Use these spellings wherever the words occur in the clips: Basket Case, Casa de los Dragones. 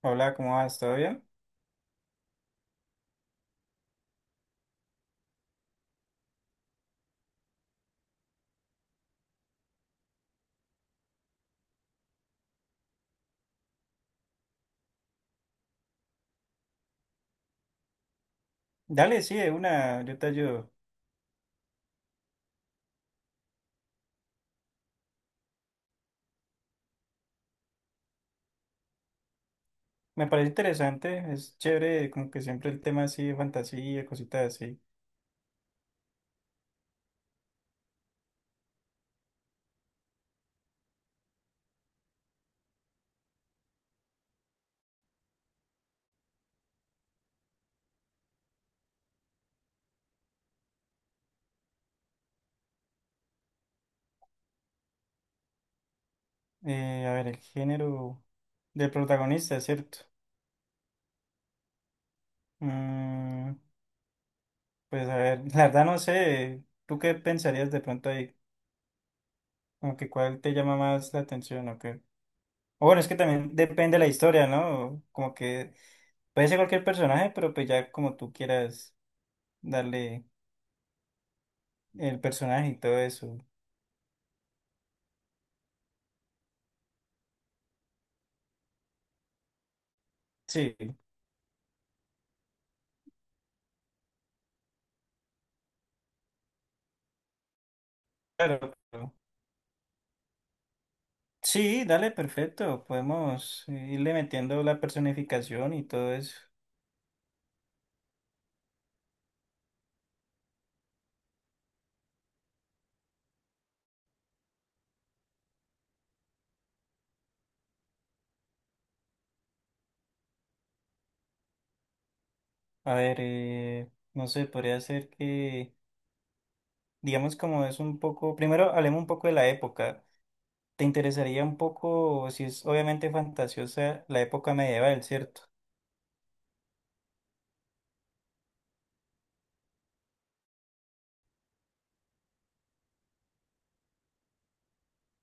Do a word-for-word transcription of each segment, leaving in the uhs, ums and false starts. Hola, ¿cómo vas? ¿Todo bien? Dale, sí, de una, yo te ayudo. Me parece interesante, es chévere, como que siempre el tema así de fantasía, cositas así. Eh, a ver, el género del protagonista, ¿cierto? Mm, pues a ver, la verdad no sé, ¿tú qué pensarías de pronto ahí? Como que cuál te llama más la atención o qué. O bueno, es que también depende de la historia, ¿no? Como que puede ser cualquier personaje, pero pues ya como tú quieras darle el personaje y todo eso. Sí. Claro, claro. Sí, dale, perfecto. Podemos eh, irle metiendo la personificación y todo eso. A ver, eh, no sé, podría ser que, digamos, como es un poco, primero hablemos un poco de la época. ¿Te interesaría un poco, si es obviamente fantasiosa, la época medieval, ¿cierto?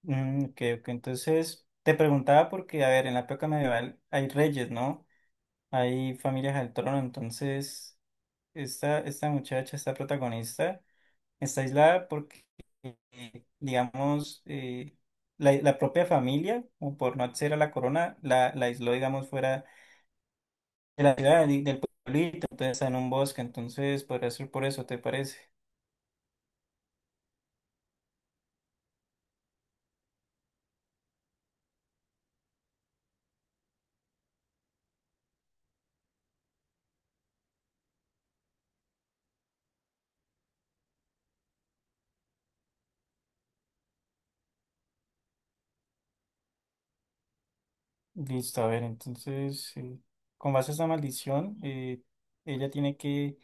Mm, ok, ok. Entonces, te preguntaba porque, a ver, en la época medieval hay reyes, ¿no? Hay familias al trono, entonces, esta, esta muchacha, esta protagonista está aislada porque, eh, digamos, eh, la, la propia familia, o por no acceder a la corona, la, la aisló, digamos, fuera de la ciudad y del pueblito, entonces está en un bosque, entonces podría ser por eso, ¿te parece? Listo, a ver, entonces, eh, con base a esa maldición, eh, ella tiene que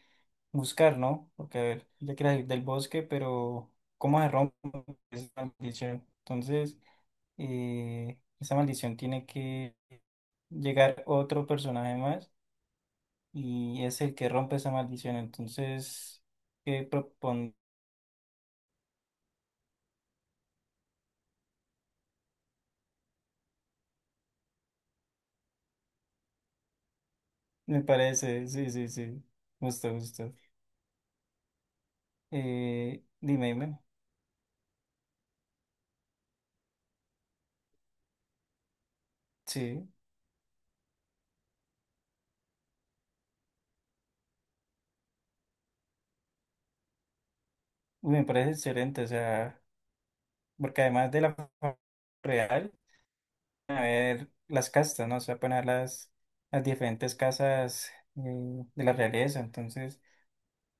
buscar, ¿no? Porque, a ver, ella quiere salir del bosque, pero ¿cómo se rompe esa maldición? Entonces eh, esa maldición tiene que llegar otro personaje más y es el que rompe esa maldición. Entonces, ¿qué propon? Me parece, sí, sí, sí, justo, justo. Eh, dime, dime, sí. Uy, me parece excelente, o sea, porque además de la fa- real, a ver las castas, ¿no? O sea, poner las, las diferentes casas, eh, de la realeza, entonces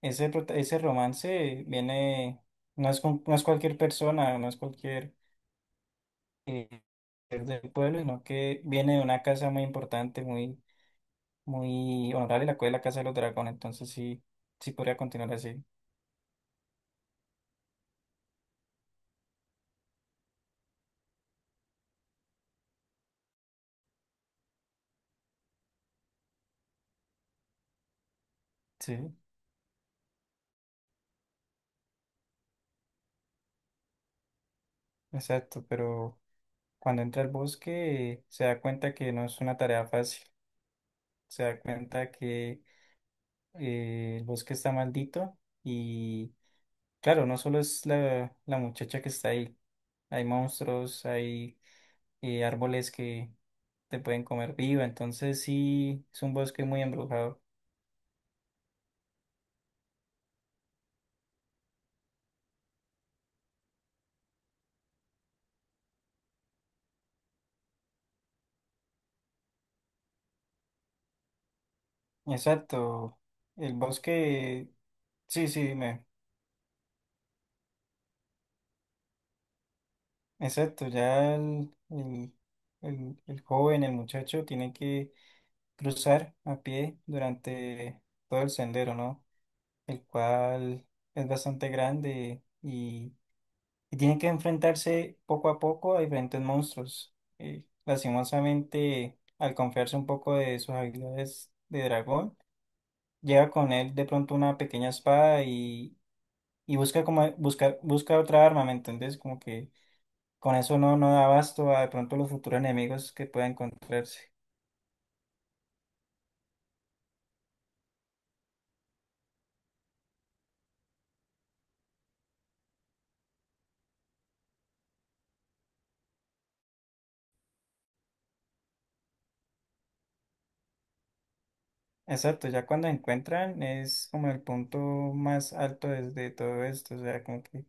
ese, prota- ese romance viene, no es, con- no es cualquier persona, no es cualquier eh, ser del pueblo, sino que viene de una casa muy importante, muy, muy honorable, la cual es la Casa de los Dragones. Entonces sí, sí podría continuar así. Sí, exacto, pero cuando entra al bosque se da cuenta que no es una tarea fácil, se da cuenta que eh, el bosque está maldito y claro, no solo es la, la muchacha que está ahí, hay monstruos, hay y árboles que te pueden comer viva. Entonces sí, es un bosque muy embrujado. Exacto. El bosque, sí, sí, dime. Exacto. Ya el, el, el, el joven, el muchacho, tiene que cruzar a pie durante todo el sendero, ¿no? El cual es bastante grande y, y tiene que enfrentarse poco a poco a diferentes monstruos. Eh, lastimosamente, al confiarse un poco de sus habilidades de dragón, lleva con él de pronto una pequeña espada y, y busca como busca, busca otra arma, ¿me entendés? Como que con eso no, no da abasto a de pronto los futuros enemigos que pueda encontrarse. Exacto, ya cuando encuentran es como el punto más alto desde todo esto, o sea, como que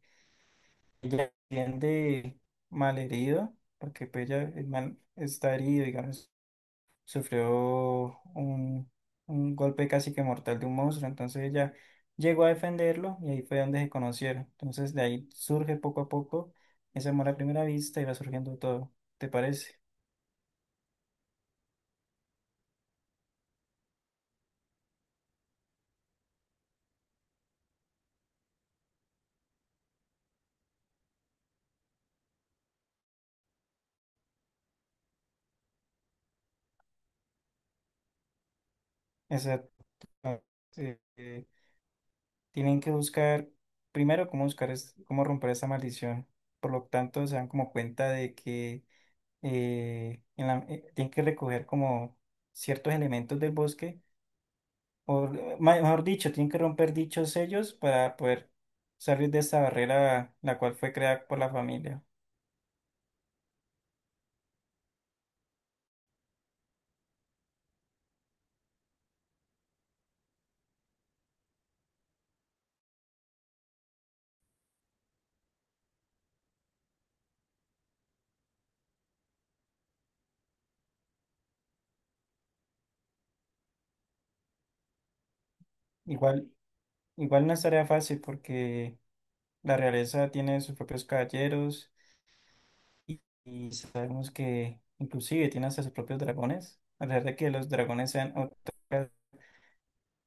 ella entiende malherido, porque pues ya el man está herido, digamos. Sufrió un, un golpe casi que mortal de un monstruo, entonces ella llegó a defenderlo y ahí fue donde se conocieron. Entonces de ahí surge poco a poco ese amor a primera vista y va surgiendo todo, ¿te parece? Exacto. Eh, eh, Tienen que buscar, primero, cómo buscar, es- cómo romper esta maldición. Por lo tanto, se dan como cuenta de que eh, en la- eh, tienen que recoger como ciertos elementos del bosque o eh, ma- mejor dicho, tienen que romper dichos sellos para poder salir de esta barrera la cual fue creada por la familia. Igual, igual no es tarea fácil porque la realeza tiene sus propios caballeros y, y sabemos que inclusive tiene hasta sus propios dragones, a pesar de que los dragones sean otras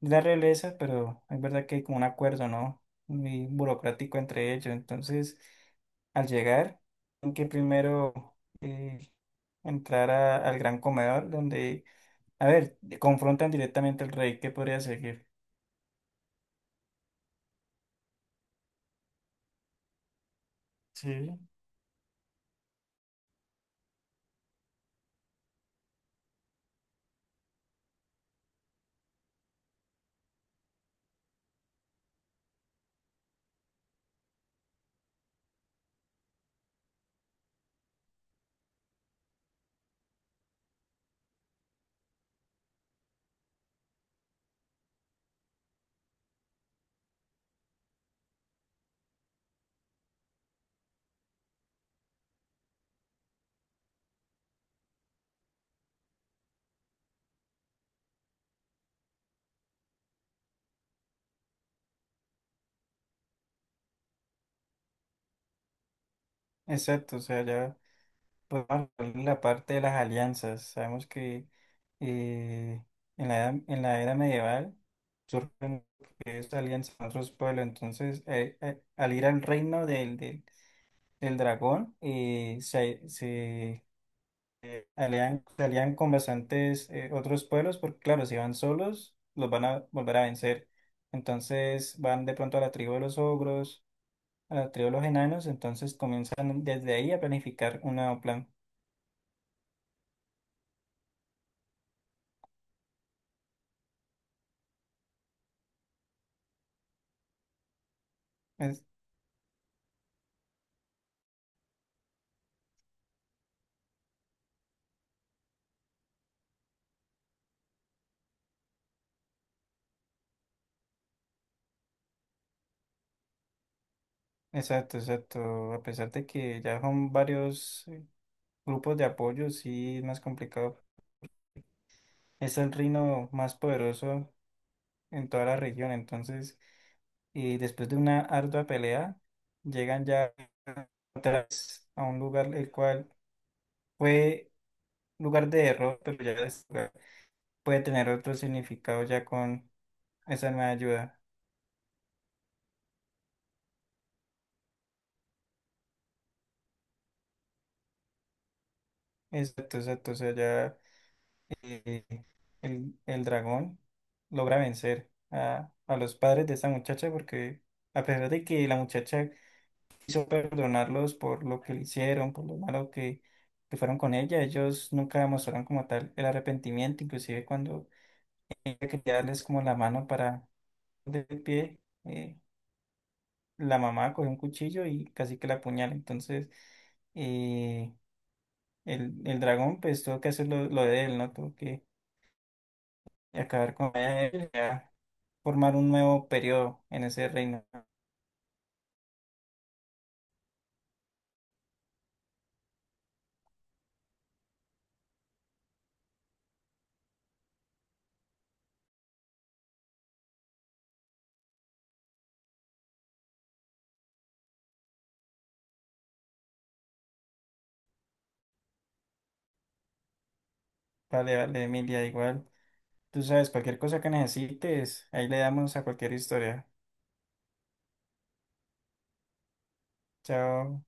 la realeza, pero es verdad que hay como un acuerdo, ¿no? Muy burocrático entre ellos. Entonces, al llegar, tienen que primero eh, entrar a- al gran comedor, donde, a ver, confrontan directamente al rey, ¿qué podría seguir? Sí, exacto, o sea, ya podemos hablar de la parte de las alianzas. Sabemos que eh, en la edad- en la era medieval surgen esta alianza con otros pueblos, entonces, eh, eh, al ir al reino del, del el dragón y se, se alían, se alían con bastantes eh, otros pueblos, porque claro, si van solos, los van a volver a vencer. Entonces van de pronto a la tribu de los ogros, a la tribu de los enanos, entonces comienzan desde ahí a planificar un nuevo plan. Es- exacto, exacto. A pesar de que ya son varios eh, grupos de apoyo, sí es más complicado. Es el reino más poderoso en toda la región, entonces y después de una ardua pelea, llegan ya otra vez a un lugar el cual fue lugar de error, pero ya es- puede tener otro significado ya con esa nueva ayuda. Exacto, exacto, o sea, ya eh, el, el dragón logra vencer a, a los padres de esa muchacha porque a pesar de que la muchacha quiso perdonarlos por lo que le hicieron, por lo malo que que fueron con ella, ellos nunca mostraron como tal el arrepentimiento, inclusive cuando quería darles como la mano para del pie, eh, la mamá cogió un cuchillo y casi que la apuñala. Entonces, eh, el, el dragón pues tuvo que hacer lo, lo de él, ¿no? Tuvo que acabar con él, ya formar un nuevo periodo en ese reino. Vale, vale, Emilia, igual. Tú sabes, cualquier cosa que necesites, ahí le damos a cualquier historia. Chao.